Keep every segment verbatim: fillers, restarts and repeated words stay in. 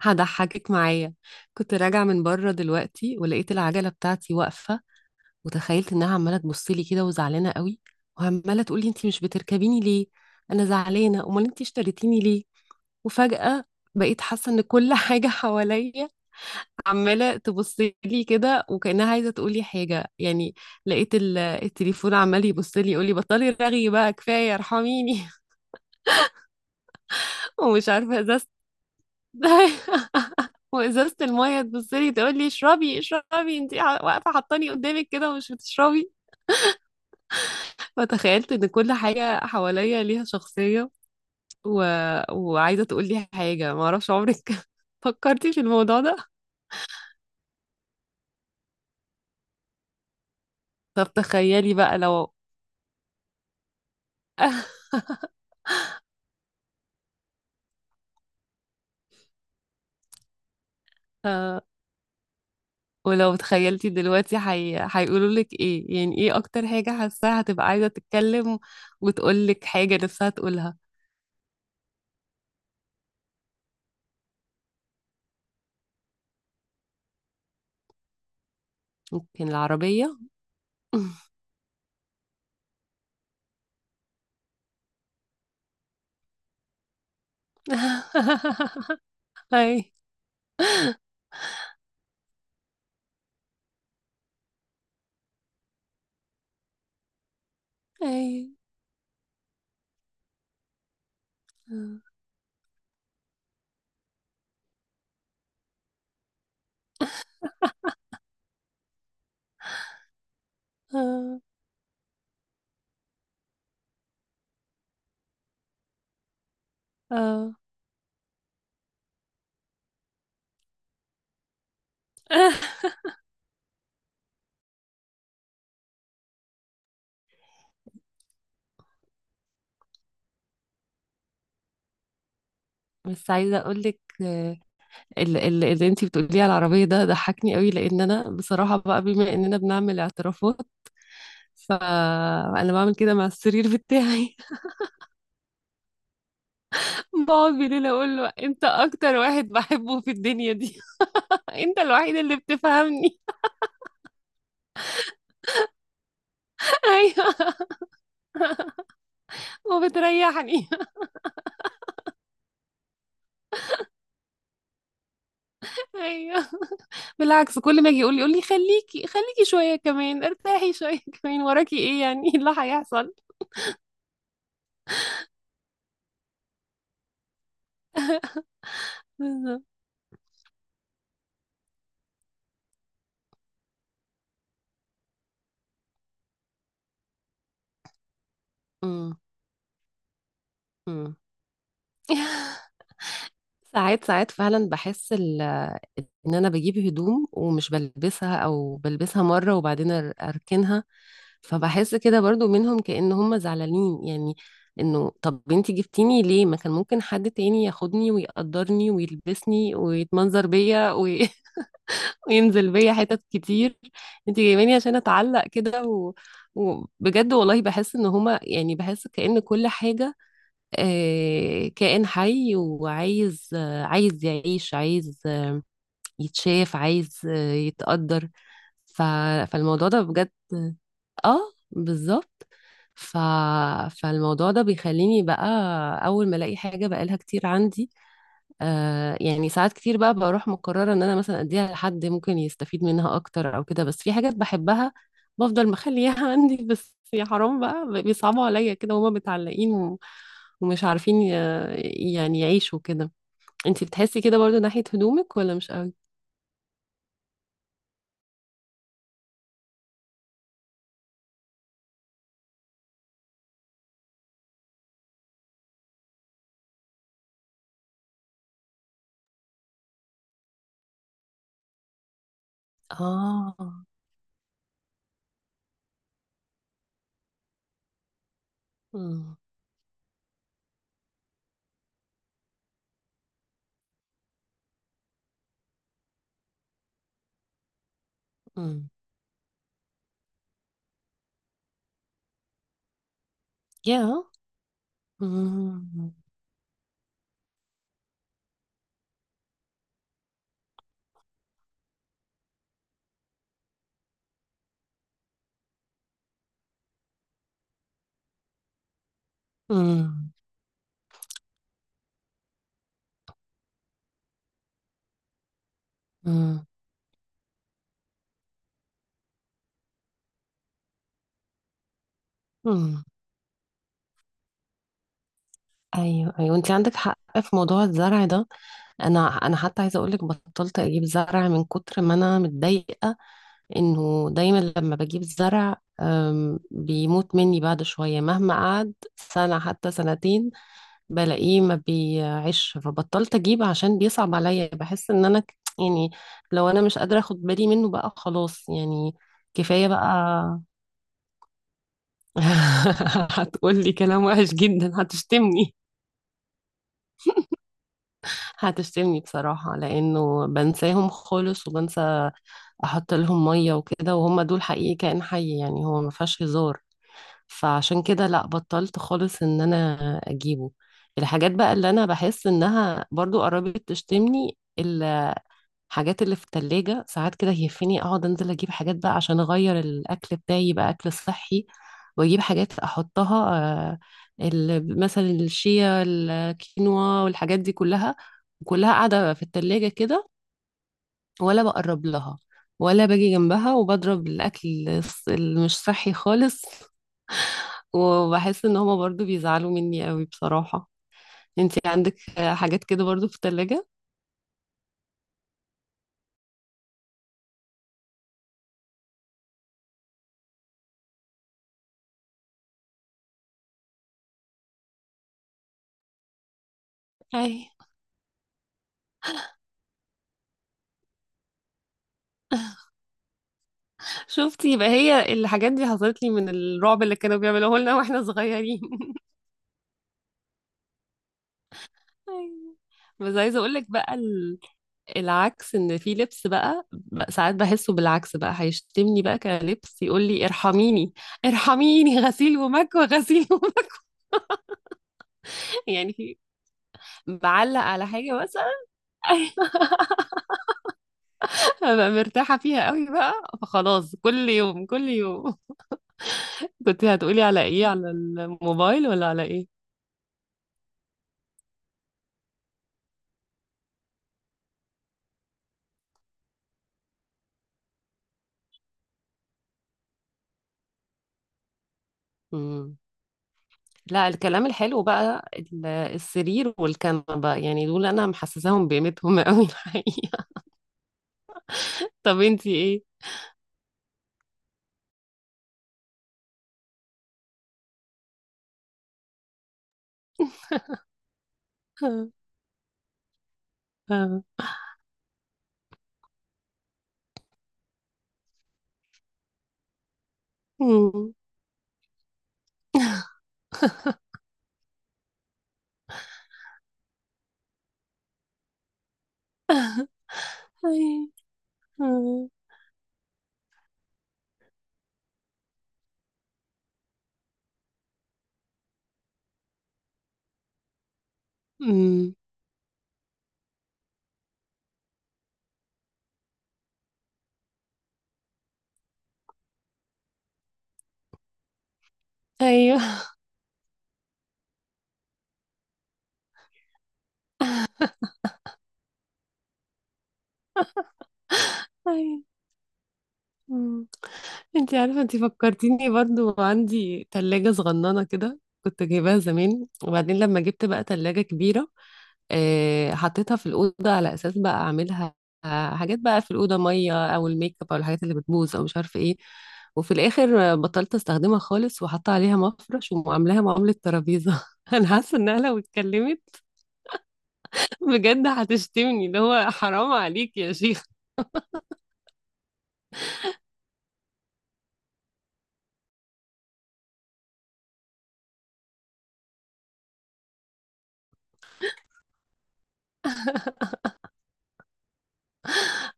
هضحكك معايا. كنت راجعة من بره دلوقتي ولقيت العجلة بتاعتي واقفة، وتخيلت انها عمالة تبص لي كده وزعلانة قوي، وعمالة تقول لي انتي مش بتركبيني ليه؟ انا زعلانة، امال انتي اشتريتيني ليه؟ وفجأة بقيت حاسة ان كل حاجة حواليا عمالة تبص لي كده، وكأنها عايزة تقول لي حاجة يعني. لقيت ال- التليفون عمال يبص لي يقول لي بطلي رغي بقى، كفاية ارحميني. ومش عارفة ازازة وازازه الميه تبص لي تقول لي اشربي اشربي، انت واقفه حطاني قدامك كده ومش بتشربي. فتخيلت ان كل حاجه حواليا ليها شخصيه و... وعايزه تقول لي حاجه. ما اعرفش عمرك فكرتي في الموضوع ده؟ طب تخيلي بقى لو آه، ولو تخيلتي دلوقتي حي... هيقولوا لك ايه، يعني ايه اكتر حاجه حاساها هتبقى عايزه تتكلم وتقول لك حاجه نفسها تقولها؟ ممكن العربيه. اي اي اه اه اه بس عايزه اقول لك، اللي, اللي انتي بتقوليه على العربيه ده ضحكني قوي، لان انا بصراحه بقى، بما اننا بنعمل اعترافات، فانا بعمل كده مع السرير بتاعي. بقعد بالليل اقول له انت اكتر واحد بحبه في الدنيا دي. انت الوحيد اللي بتفهمني. ايوه، وبتريحني. ايوه، بالعكس، كل ما اجي يقول لي يقول لي خليكي خليكي شويه كمان، ارتاحي شويه كمان، وراكي ايه يعني؟ إيه اللي هيحصل؟ بالظبط. مم. ساعات ساعات فعلا بحس ال- ان انا بجيب هدوم ومش بلبسها، او بلبسها مره وبعدين أر- اركنها. فبحس كده برضو منهم كأن هم زعلانين، يعني انه طب انتي جبتيني ليه؟ ما كان ممكن حد تاني ياخدني ويقدرني ويلبسني ويتمنظر بيا وي- وينزل بيا حتت كتير. انتي جايباني عشان اتعلق كده و... وبجد والله بحس ان هما، يعني بحس كأن كل حاجة آه، كائن حي وعايز، آه، عايز يعيش، عايز آه، يتشاف، عايز آه، يتقدر. ف... فالموضوع ده بجد. اه، بالظبط. ف... فالموضوع ده بيخليني بقى اول ما الاقي حاجه بقالها كتير عندي، آه يعني، ساعات كتير بقى بروح مقرره ان انا مثلا اديها لحد ممكن يستفيد منها اكتر او كده، بس في حاجات بحبها بفضل مخليها عندي. بس يا حرام بقى بيصعبوا عليا كده وهما متعلقين، ومش عارفين ي- يعني يعيشوا كده. انتي بتحسي كده برضو ناحية هدومك ولا مش قوي؟ اه، امم، امم، يا، امم، امم، امم، امم. ايوه ايوه، انتي عندك حق في موضوع الزرع ده. انا انا حتى عايزه اقول لك، بطلت اجيب زرع من كتر ما انا متضايقه، انه دايما لما بجيب زرع أم، بيموت مني بعد شويه، مهما قعد سنه حتى سنتين بلاقيه ما بيعيش. فبطلت اجيب عشان بيصعب عليا، بحس ان انا ك- يعني لو انا مش قادرة اخد بالي منه بقى خلاص يعني كفاية بقى. هتقولي كلام وحش جدا، هتشتمني. هتشتمني بصراحة، لانه بنساهم خالص، وبنسى احط لهم مية وكده، وهم دول حقيقي كائن حي، يعني هو ما فيهاش هزار. فعشان كده لا، بطلت خالص ان انا اجيبه. الحاجات بقى اللي انا بحس انها برضو قربت تشتمني، حاجات اللي في التلاجة. ساعات كده يهفني اقعد انزل اجيب حاجات بقى عشان اغير الاكل بتاعي يبقى اكل صحي، واجيب حاجات احطها، آه، ال- مثلا الشيا، الكينوا، والحاجات دي كلها، كلها قاعدة في التلاجة كده. ولا بقرب لها، ولا باجي جنبها، وبضرب الاكل الص- اللي مش صحي خالص. وبحس ان هما برضو بيزعلوا مني قوي بصراحة. انتي عندك آه، حاجات كده برضو في التلاجة؟ شفتي، يبقى هي الحاجات دي حصلت لي من الرعب اللي كانوا بيعملوه لنا واحنا صغيرين. أيوة. بس عايزه اقول لك بقى ال- العكس، ان في لبس بقى بقى ساعات بحسه بالعكس بقى هيشتمني، بقى كلبس يقول لي ارحميني، ارحميني، غسيل ومكوى، غسيل ومكوى. يعني في، بعلق على حاجه مثلا ببقى مرتاحه فيها قوي بقى، فخلاص كل يوم كل يوم. كنت هتقولي على ايه، على الموبايل ولا على ايه؟ لا، الكلام الحلو بقى ال- السرير والكنبة بقى، يعني دول انا محسساهم بقيمتهم قوي الحقيقة. طب انتي ايه؟ أمم. أي- أمم. ايوه. أيوه. أي- مم. انتي عارفة، انتي فكرتيني برضو، عندي تلاجة صغننة كده كنت جايباها زمان، وبعدين لما جبت بقى تلاجة كبيرة، آه، حطيتها في الأوضة على أساس بقى أعملها آه، حاجات بقى في الأوضة، مية أو الميك اب أو الحاجات اللي بتبوظ أو مش عارفة إيه. وفي الآخر آه، بطلت أستخدمها خالص، وحاطة عليها مفرش وعاملاها معاملة ترابيزة. أنا حاسة إنها لو اتكلمت بجد هتشتمني، اللي هو حرام عليك يا شيخ.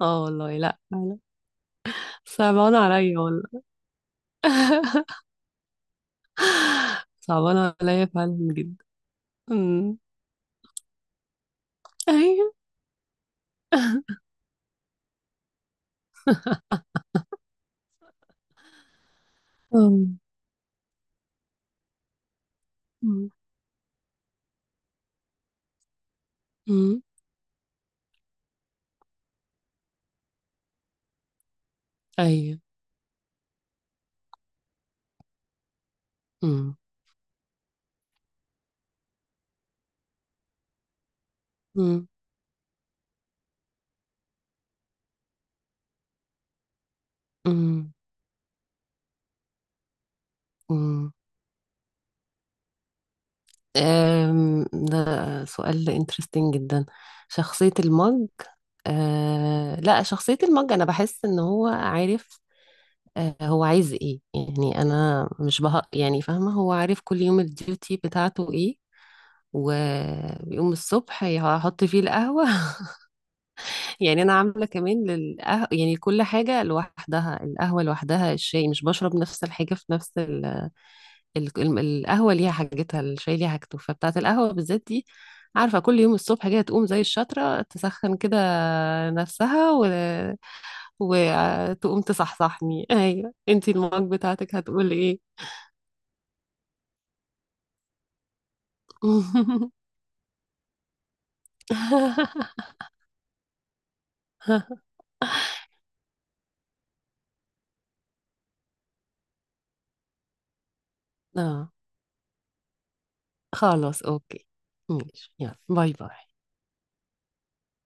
اه والله، لا لا، صعبانة عليا والله. صعبانة عليا فعلا جدا. أمم. أيوة. أمم. أمم. أمم. أيوة. أمم. أمم. أمم. أمم. أم، ده سؤال interesting جدا. شخصية المج. أه لا، شخصية المج أنا بحس إن هو عارف. أه، هو عايز إيه، يعني أنا مش بهق يعني، فاهمة؟ هو عارف كل يوم الديوتي بتاعته إيه، وبيقوم الصبح هيحط فيه القهوة. يعني انا عامله كمان للقه... يعني كل حاجه لوحدها، القهوه لوحدها، الشاي مش بشرب نفس الحاجه في نفس ال... ال... ال- القهوه ليها حاجتها، الشاي ليها حاجته. فبتاعه القهوه بالذات دي عارفه كل يوم الصبح كده تقوم زي الشطره تسخن كده نفسها، و... وتقوم تصحصحني. ايوه، انتي المج بتاعتك هتقول ايه؟ اه، خلاص اوكي، ماشي، يلا باي باي.